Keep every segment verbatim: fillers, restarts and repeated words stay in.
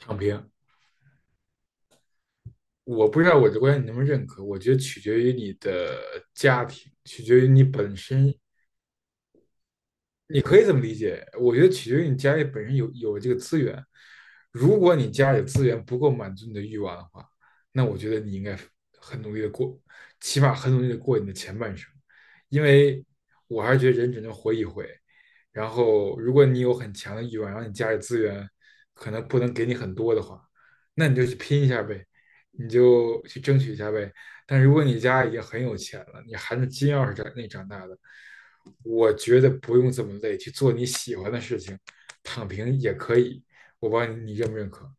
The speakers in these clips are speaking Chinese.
躺平，我不知道我的观点你能不能认可，我觉得取决于你的家庭，取决于你本身。你可以这么理解，我觉得取决于你家里本身有有这个资源。如果你家里资源不够满足你的欲望的话，那我觉得你应该很努力的过，起码很努力的过你的前半生，因为我还是觉得人只能活一回。然后，如果你有很强的欲望，然后你家里资源可能不能给你很多的话，那你就去拼一下呗，你就去争取一下呗，但如果你家已经很有钱了，你含着金钥匙长那长大的，我觉得不用这么累，去做你喜欢的事情，躺平也可以。我不知道你认不认可？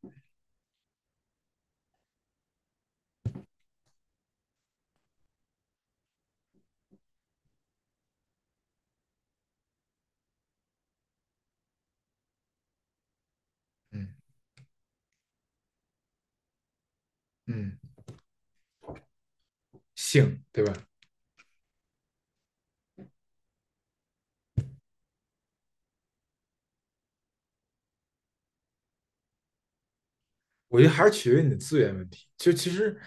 嗯嗯，性对吧？我觉得还是取决于你的资源问题。就其实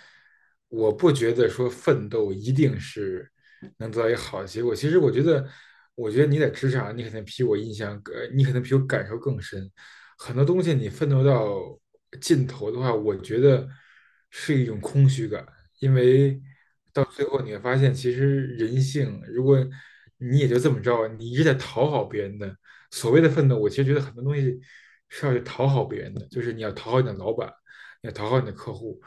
我不觉得说奋斗一定是能得到一个好的结果。其实我觉得，我觉得你在职场，你可能比我印象，呃，你可能比我感受更深。很多东西你奋斗到尽头的话，我觉得是一种空虚感，因为到最后你会发现，其实人性，如果你也就这么着，你一直在讨好别人的，所谓的奋斗，我其实觉得很多东西是要去讨好别人的，就是你要讨好你的老板，你要讨好你的客户，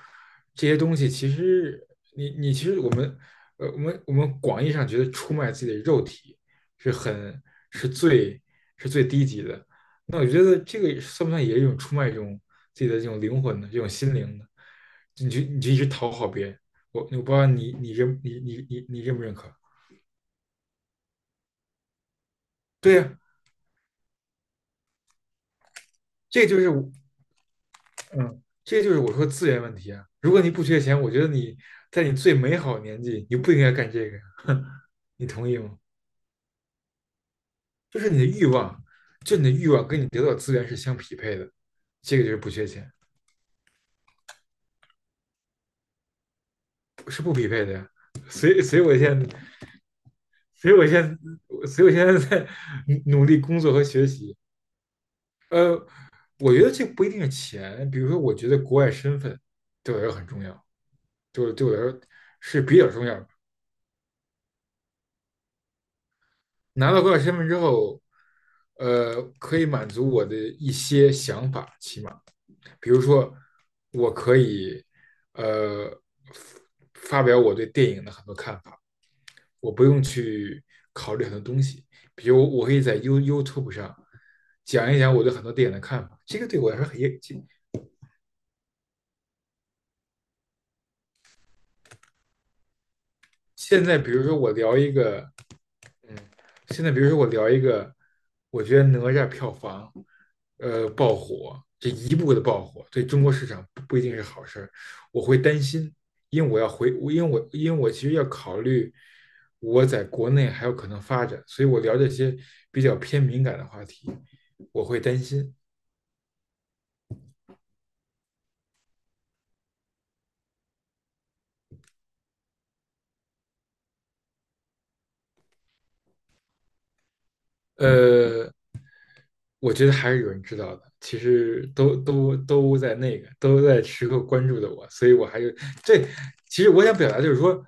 这些东西其实你你其实我们呃我们我们广义上觉得出卖自己的肉体是很是最是最低级的，那我觉得这个算不算也是一种出卖这种自己的这种灵魂的这种心灵呢？你就你就一直讨好别人，我我不知道你你认你你你你认不认可？对呀、啊。这就是嗯，这个就是我说资源问题啊。如果你不缺钱，我觉得你在你最美好的年纪，你不应该干这个呀，你同意吗？就是你的欲望，就你的欲望跟你得到的资源是相匹配的，这个就是不缺钱，是不匹配的呀。所以，所以我现在，所以我现在，所以我现在在努力工作和学习。呃，我觉得这不一定是钱，比如说，我觉得国外身份对我来说很重要，对我对我来说是比较重要。拿到高考身份之后，呃，可以满足我的一些想法，起码，比如说，我可以，呃，发表我对电影的很多看法，我不用去考虑很多东西，比如我可以在 You YouTube 上讲一讲我对很多电影的看法，这个对我来说很也。现在比如说我聊一个嗯，现在比如说我聊一个，我觉得哪吒票房，呃，爆火，这一部的爆火对中国市场不不一定是好事儿，我会担心，因为我要回，因为我因为我其实要考虑我在国内还有可能发展，所以我聊这些比较偏敏感的话题，我会担心。呃，我觉得还是有人知道的，其实都都都在那个都在时刻关注着我，所以我还是这。其实我想表达就是说，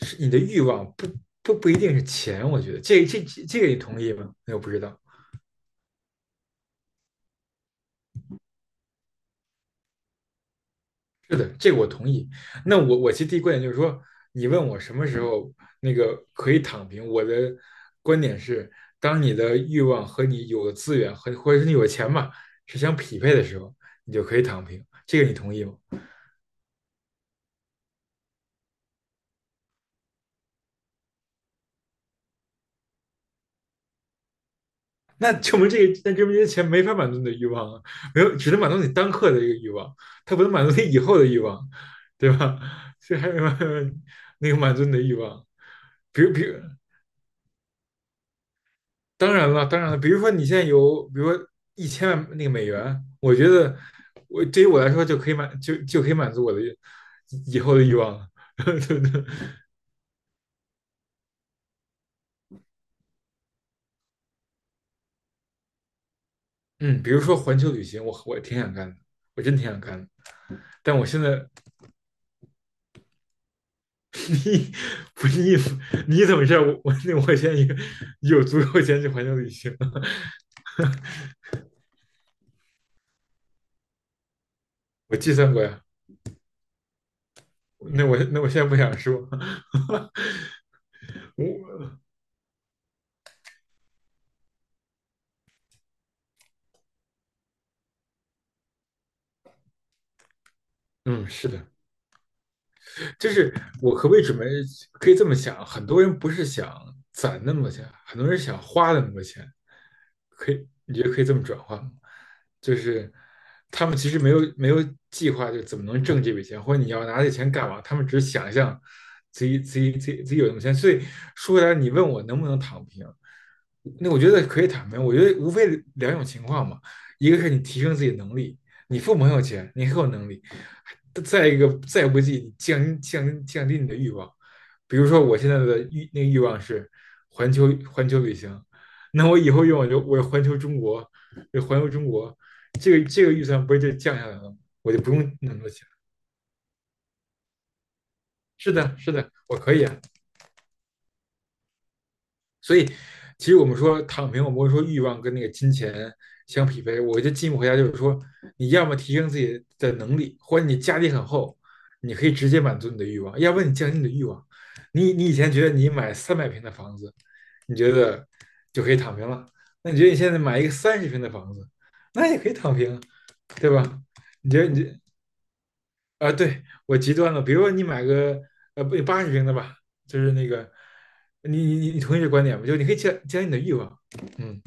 是你的欲望不不不一定是钱，我觉得这这这这个你同意吗？那我不知道。是的，这个我同意。那我我其实第一观点就是说，你问我什么时候那个可以躺平，我的观点是，当你的欲望和你有的资源和或者是你有钱嘛是相匹配的时候，你就可以躺平。这个你同意吗？那证明这个，那证明这些钱没法满足你的欲望啊，没有，只能满足你当刻的一个欲望，它不能满足你以后的欲望，对吧？所以还有那个满足你的欲望，比如，比如，当然了，当然了，比如说你现在有，比如说一千万那个美元，我觉得我对于我来说就可以满就就可以满足我的以后的欲望了。对不对？嗯，比如说环球旅行，我我挺想干的，我真挺想干的，但我现在你不是意思，你怎么知道我我那我现在有有足够钱去环球旅行？我计算过呀。那我那我现在不想说。我嗯，是的，就是我可不可以准备可以这么想？很多人不是想攒那么多钱，很多人想花那么多钱，可以你觉得可以这么转换吗？就是他们其实没有没有计划，就怎么能挣这笔钱，或者你要拿这钱干嘛？他们只是想象自己自己自己自己有那么钱。所以说回来，你问我能不能躺平，那我觉得可以躺平。我觉得无非两种情况嘛，一个是你提升自己的能力，你父母很有钱，你很有能力。再一个，再不济，降降降低你的欲望。比如说，我现在的欲那个欲望是环球环球旅行，那我以后欲望就我环球中国，就环球中国，这个这个预算不是就降下来了吗？我就不用那么多钱。是的，是的，我可以啊。所以，其实我们说躺平，我们会说欲望跟那个金钱相匹配。我觉得进一步回答就是说，你要么提升自己的能力，或者你家底很厚，你可以直接满足你的欲望；要不然你降低你的欲望。你你以前觉得你买三百平的房子，你觉得就可以躺平了，那你觉得你现在买一个三十平的房子，那也可以躺平，对吧？你觉得你啊，对，我极端了，比如说你买个呃不八十平的吧，就是那个，你你你你同意这观点吗？就是你可以降降低你的欲望，嗯，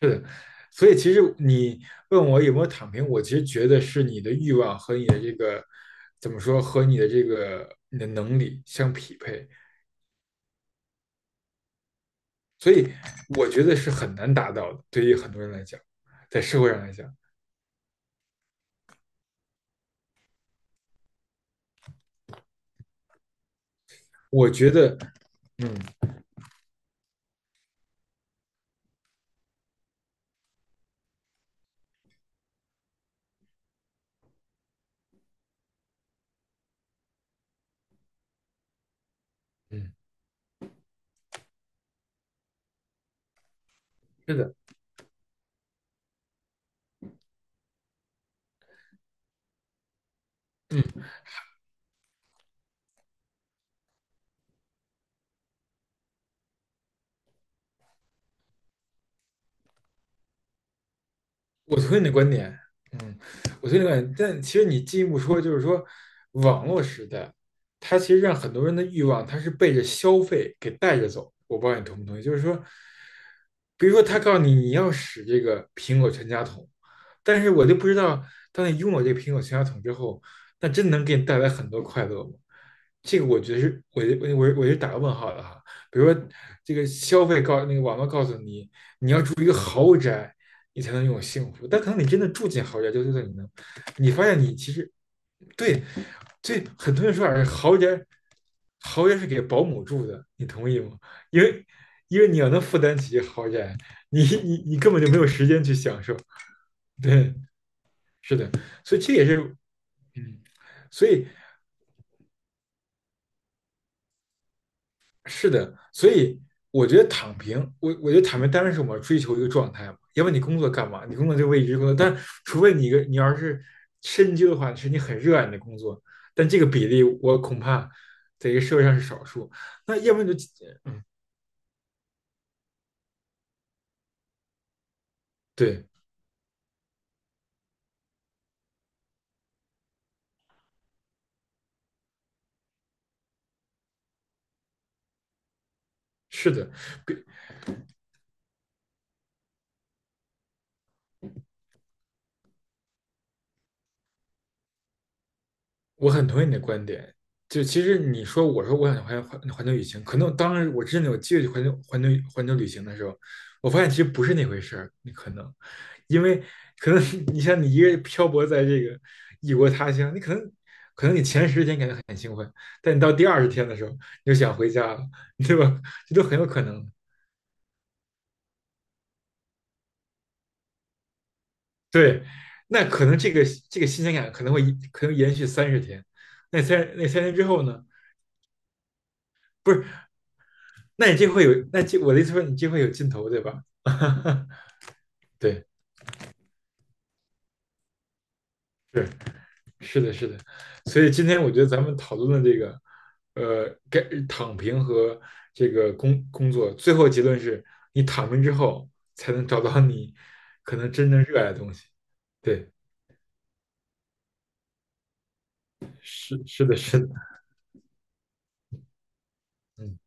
是的，所以其实你问我有没有躺平，我其实觉得是你的欲望和你的这个怎么说和你的这个你的能力相匹配，所以我觉得是很难达到的，对于很多人来讲，在社会上来讲，我觉得，嗯嗯，是的。嗯。我同意你的观点，嗯，我同意你的观点，但其实你进一步说，就是说，网络时代，它其实让很多人的欲望，它是被着消费给带着走。我不知道你同不同意，就是说，比如说他告诉你你要使这个苹果全家桶，但是我就不知道，当你拥有这个苹果全家桶之后，那真能给你带来很多快乐吗？这个我觉得是，我我我我就打个问号了哈。比如说，这个消费告那个网络告诉你，一个豪宅，你才能拥有幸福。但可能你真的住进豪宅，就对在你能，你发现你其实对，所以很多人说啊，豪宅，豪宅，是给保姆住的，你同意吗？因为因为你要能负担起豪宅，你你你根本就没有时间去享受。对，是的，所以这也是，嗯，所以是的，所以我觉得躺平，我我觉得躺平当然是我们要追求一个状态嘛，要不然你工作干嘛？你工作就为一直工作，但除非你一个你要是深究的话，是你很热爱你的工作，但这个比例我恐怕在一个社会上是少数。那要不然你就，嗯，对，是的，比我很同意你的观点，就其实你说我说我想环环环球旅行，可能当时我真的有机会去环球环球环球旅行的时候，我发现其实不是那回事儿，你可能，因为可能 你像你一个人漂泊在这个异国他乡，你可能可能你前十天感觉很兴奋，但你到第二十天的时候，你就想回家了，对吧？这都很有可能。对，那可能这个这个新鲜感可能会一可能延续三十天，那三那三天之后呢？不是。那你就会有，那这我的意思说你就会有尽头，对吧？对，是是的，是的。所以今天我觉得咱们讨论的这个，呃，该躺平和这个工工作，最后结论是你躺平之后才能找到你可能真正热爱的东西。对，是是的，是的，嗯。